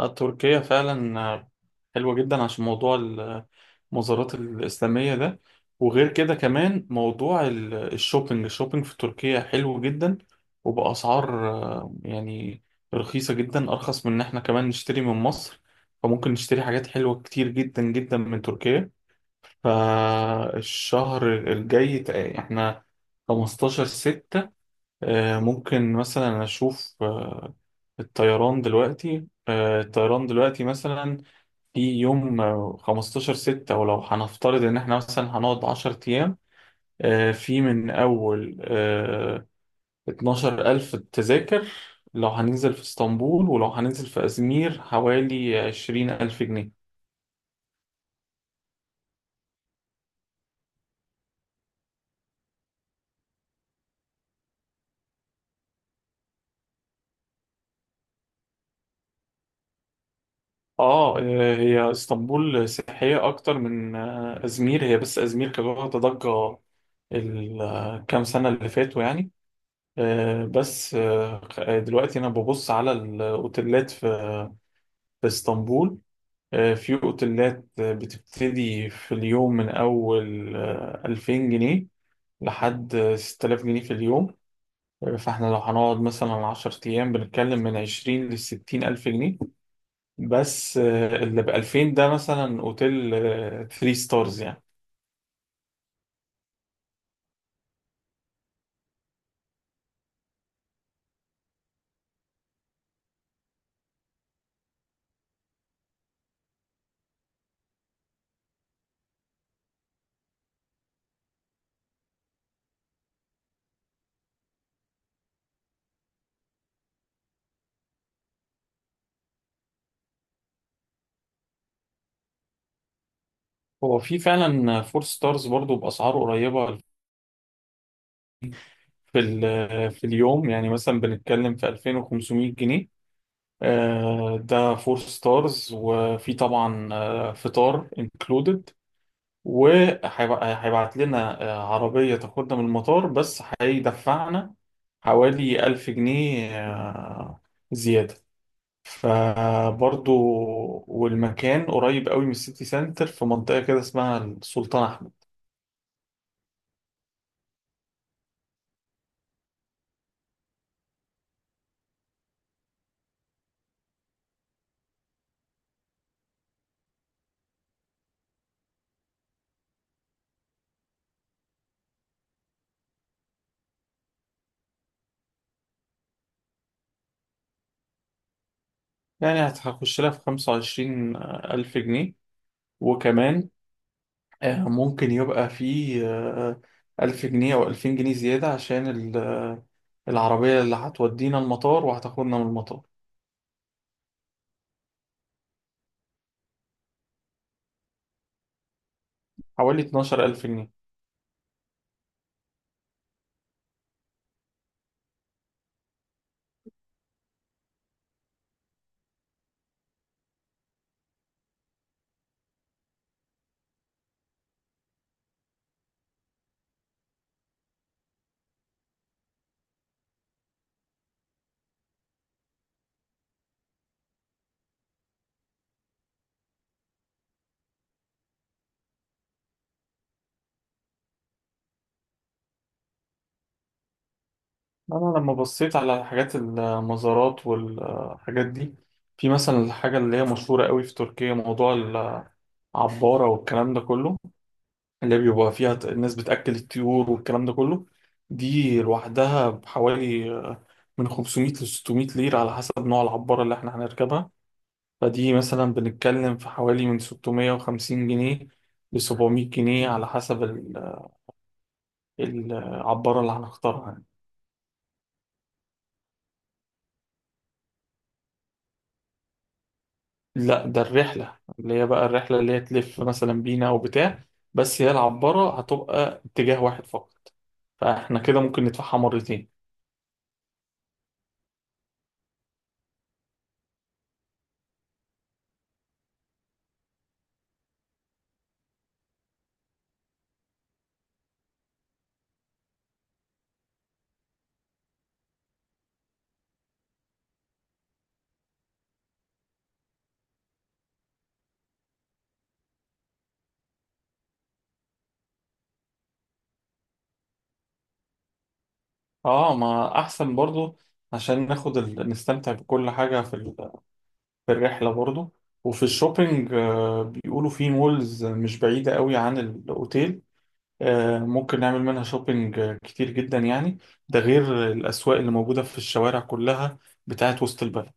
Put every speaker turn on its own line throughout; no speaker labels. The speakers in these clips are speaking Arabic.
تركيا فعلا حلوة جدا عشان موضوع المزارات الإسلامية ده، وغير كده كمان موضوع الشوبينج في تركيا حلو جدا، وبأسعار يعني رخيصة جدا، أرخص من إن إحنا كمان نشتري من مصر. فممكن نشتري حاجات حلوة كتير جدا جدا من تركيا. فالشهر الجاي إحنا 15 6. ممكن مثلا أشوف الطيران دلوقتي مثلا في يوم 15 ستة، ولو هنفترض إن إحنا مثلا هنقعد 10 أيام. في من أول 12 ألف تذاكر لو هننزل في اسطنبول، ولو هننزل في أزمير حوالي 20 ألف جنيه. هي اسطنبول سياحية أكتر من أزمير، هي بس أزمير كانت واخدة ضجة الكام سنة اللي فاتوا يعني. بس دلوقتي انا ببص على الاوتيلات في اسطنبول. في اوتيلات بتبتدي في اليوم من اول 2000 جنيه لحد 6000 جنيه في اليوم. فاحنا لو هنقعد مثلا 10 ايام بنتكلم من 20 ل 60 الف جنيه، بس اللي ب 2000 ده مثلا اوتيل 3 ستارز يعني. هو في فعلا 4 ستارز برضو باسعار قريبه، في اليوم يعني مثلا بنتكلم في 2500 جنيه. ده فور ستارز، وفي طبعا فطار انكلودد، وهيبعت لنا عربية تاخدنا من المطار، بس هيدفعنا حوالي ألف جنيه زيادة. فبرضو والمكان قريب قوي من السيتي سنتر، في منطقة كده اسمها السلطان أحمد. يعني هتخش لها في خمسة وعشرين ألف جنيه، وكمان ممكن يبقى فيه ألف جنيه أو ألفين جنيه زيادة عشان العربية اللي هتودينا المطار وهتاخدنا من المطار. حوالي اتناشر ألف جنيه. أنا لما بصيت على حاجات المزارات والحاجات دي، في مثلا الحاجة اللي هي مشهورة قوي في تركيا، موضوع العبارة والكلام ده كله اللي بيبقى فيها الناس بتأكل الطيور والكلام ده كله. دي لوحدها بحوالي من 500 ل 600 ليرة على حسب نوع العبارة اللي احنا هنركبها. فدي مثلا بنتكلم في حوالي من 650 جنيه ل 700 جنيه على حسب العبارة اللي هنختارها يعني. لا، ده الرحلة اللي هي بقى الرحلة اللي هي تلف مثلا بينا أو بتاع، بس هي العبارة هتبقى اتجاه واحد فقط، فاحنا كده ممكن ندفعها مرتين. اه، ما أحسن برضو عشان ناخد نستمتع بكل حاجة في الرحلة برضو. وفي الشوبينج بيقولوا في مولز مش بعيدة قوي عن الأوتيل، ممكن نعمل منها شوبينج كتير جدا يعني، ده غير الأسواق اللي موجودة في الشوارع كلها بتاعت وسط البلد.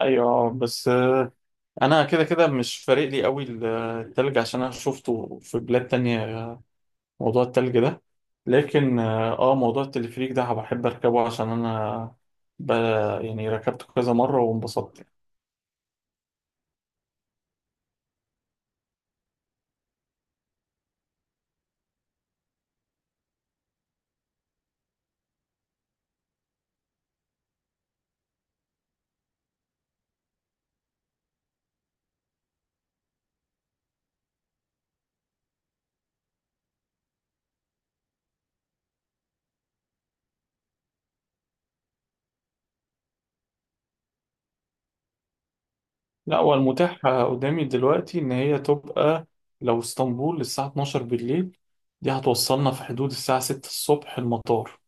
أيوة، بس أنا كده كده مش فارق لي قوي التلج، عشان أنا شفته في بلاد تانية موضوع التلج ده. لكن موضوع التلفريك ده بحب أركبه عشان أنا ب... يعني ركبته كذا مرة وانبسطت. لا، هو المتاح قدامي دلوقتي إن هي تبقى لو اسطنبول للساعة 12 بالليل، دي هتوصلنا في حدود الساعة 6 الصبح المطار،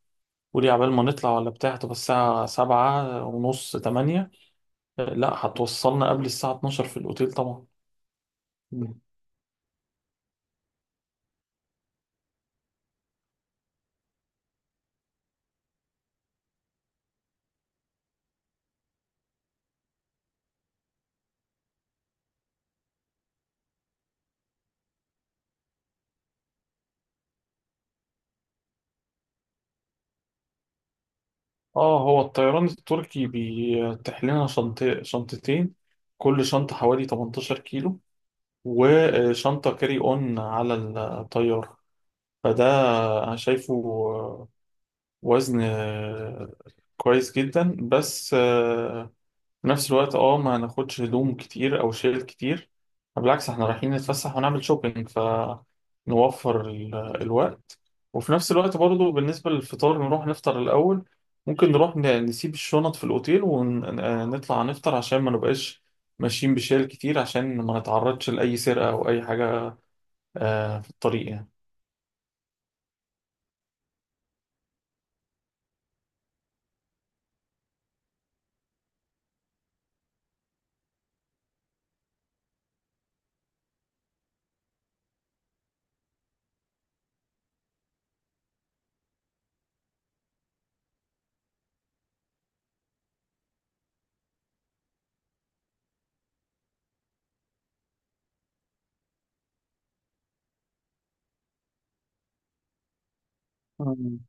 ودي عبال ما نطلع ولا بتاع تبقى الساعة 7 ونص 8. لا، هتوصلنا قبل الساعة 12 في الأوتيل طبعا. مم. اه، هو الطيران التركي بيتيح لنا شنطتين، كل شنطة حوالي 18 كيلو، وشنطة كاري اون على الطيارة. فده انا شايفه وزن كويس جدا، بس في نفس الوقت اه ما ناخدش هدوم كتير او شيل كتير، بالعكس احنا رايحين نتفسح ونعمل شوبينج، فنوفر الوقت. وفي نفس الوقت برضو، بالنسبة للفطار نروح نفطر الأول، ممكن نروح نسيب الشنط في الأوتيل ونطلع نفطر عشان ما نبقاش ماشيين بشيل كتير، عشان ما نتعرضش لأي سرقة أو أي حاجة في الطريق يعني. مم.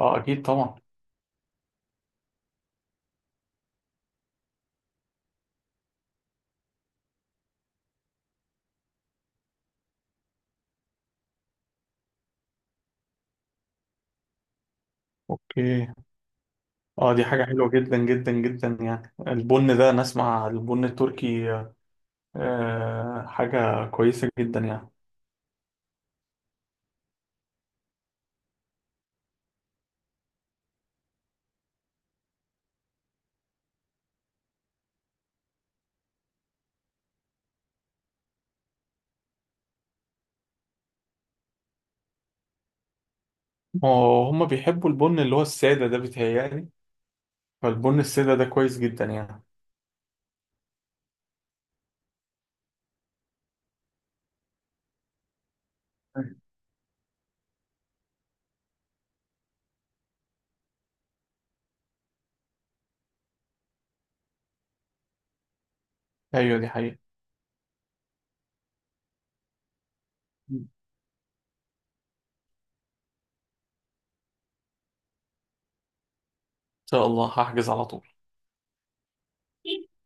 اه، أكيد طبعا. اوكي. اه، دي حاجة حلوة جدا جدا جدا، يعني البن ده نسمع البن التركي حاجة كويسة جدا يعني. هما بيحبوا البن اللي هو السادة ده بيتهيألي، فالبن السادة ده كويس جدا يعني. ايوه، دي حقيقة. ان شاء الله هحجز على طول.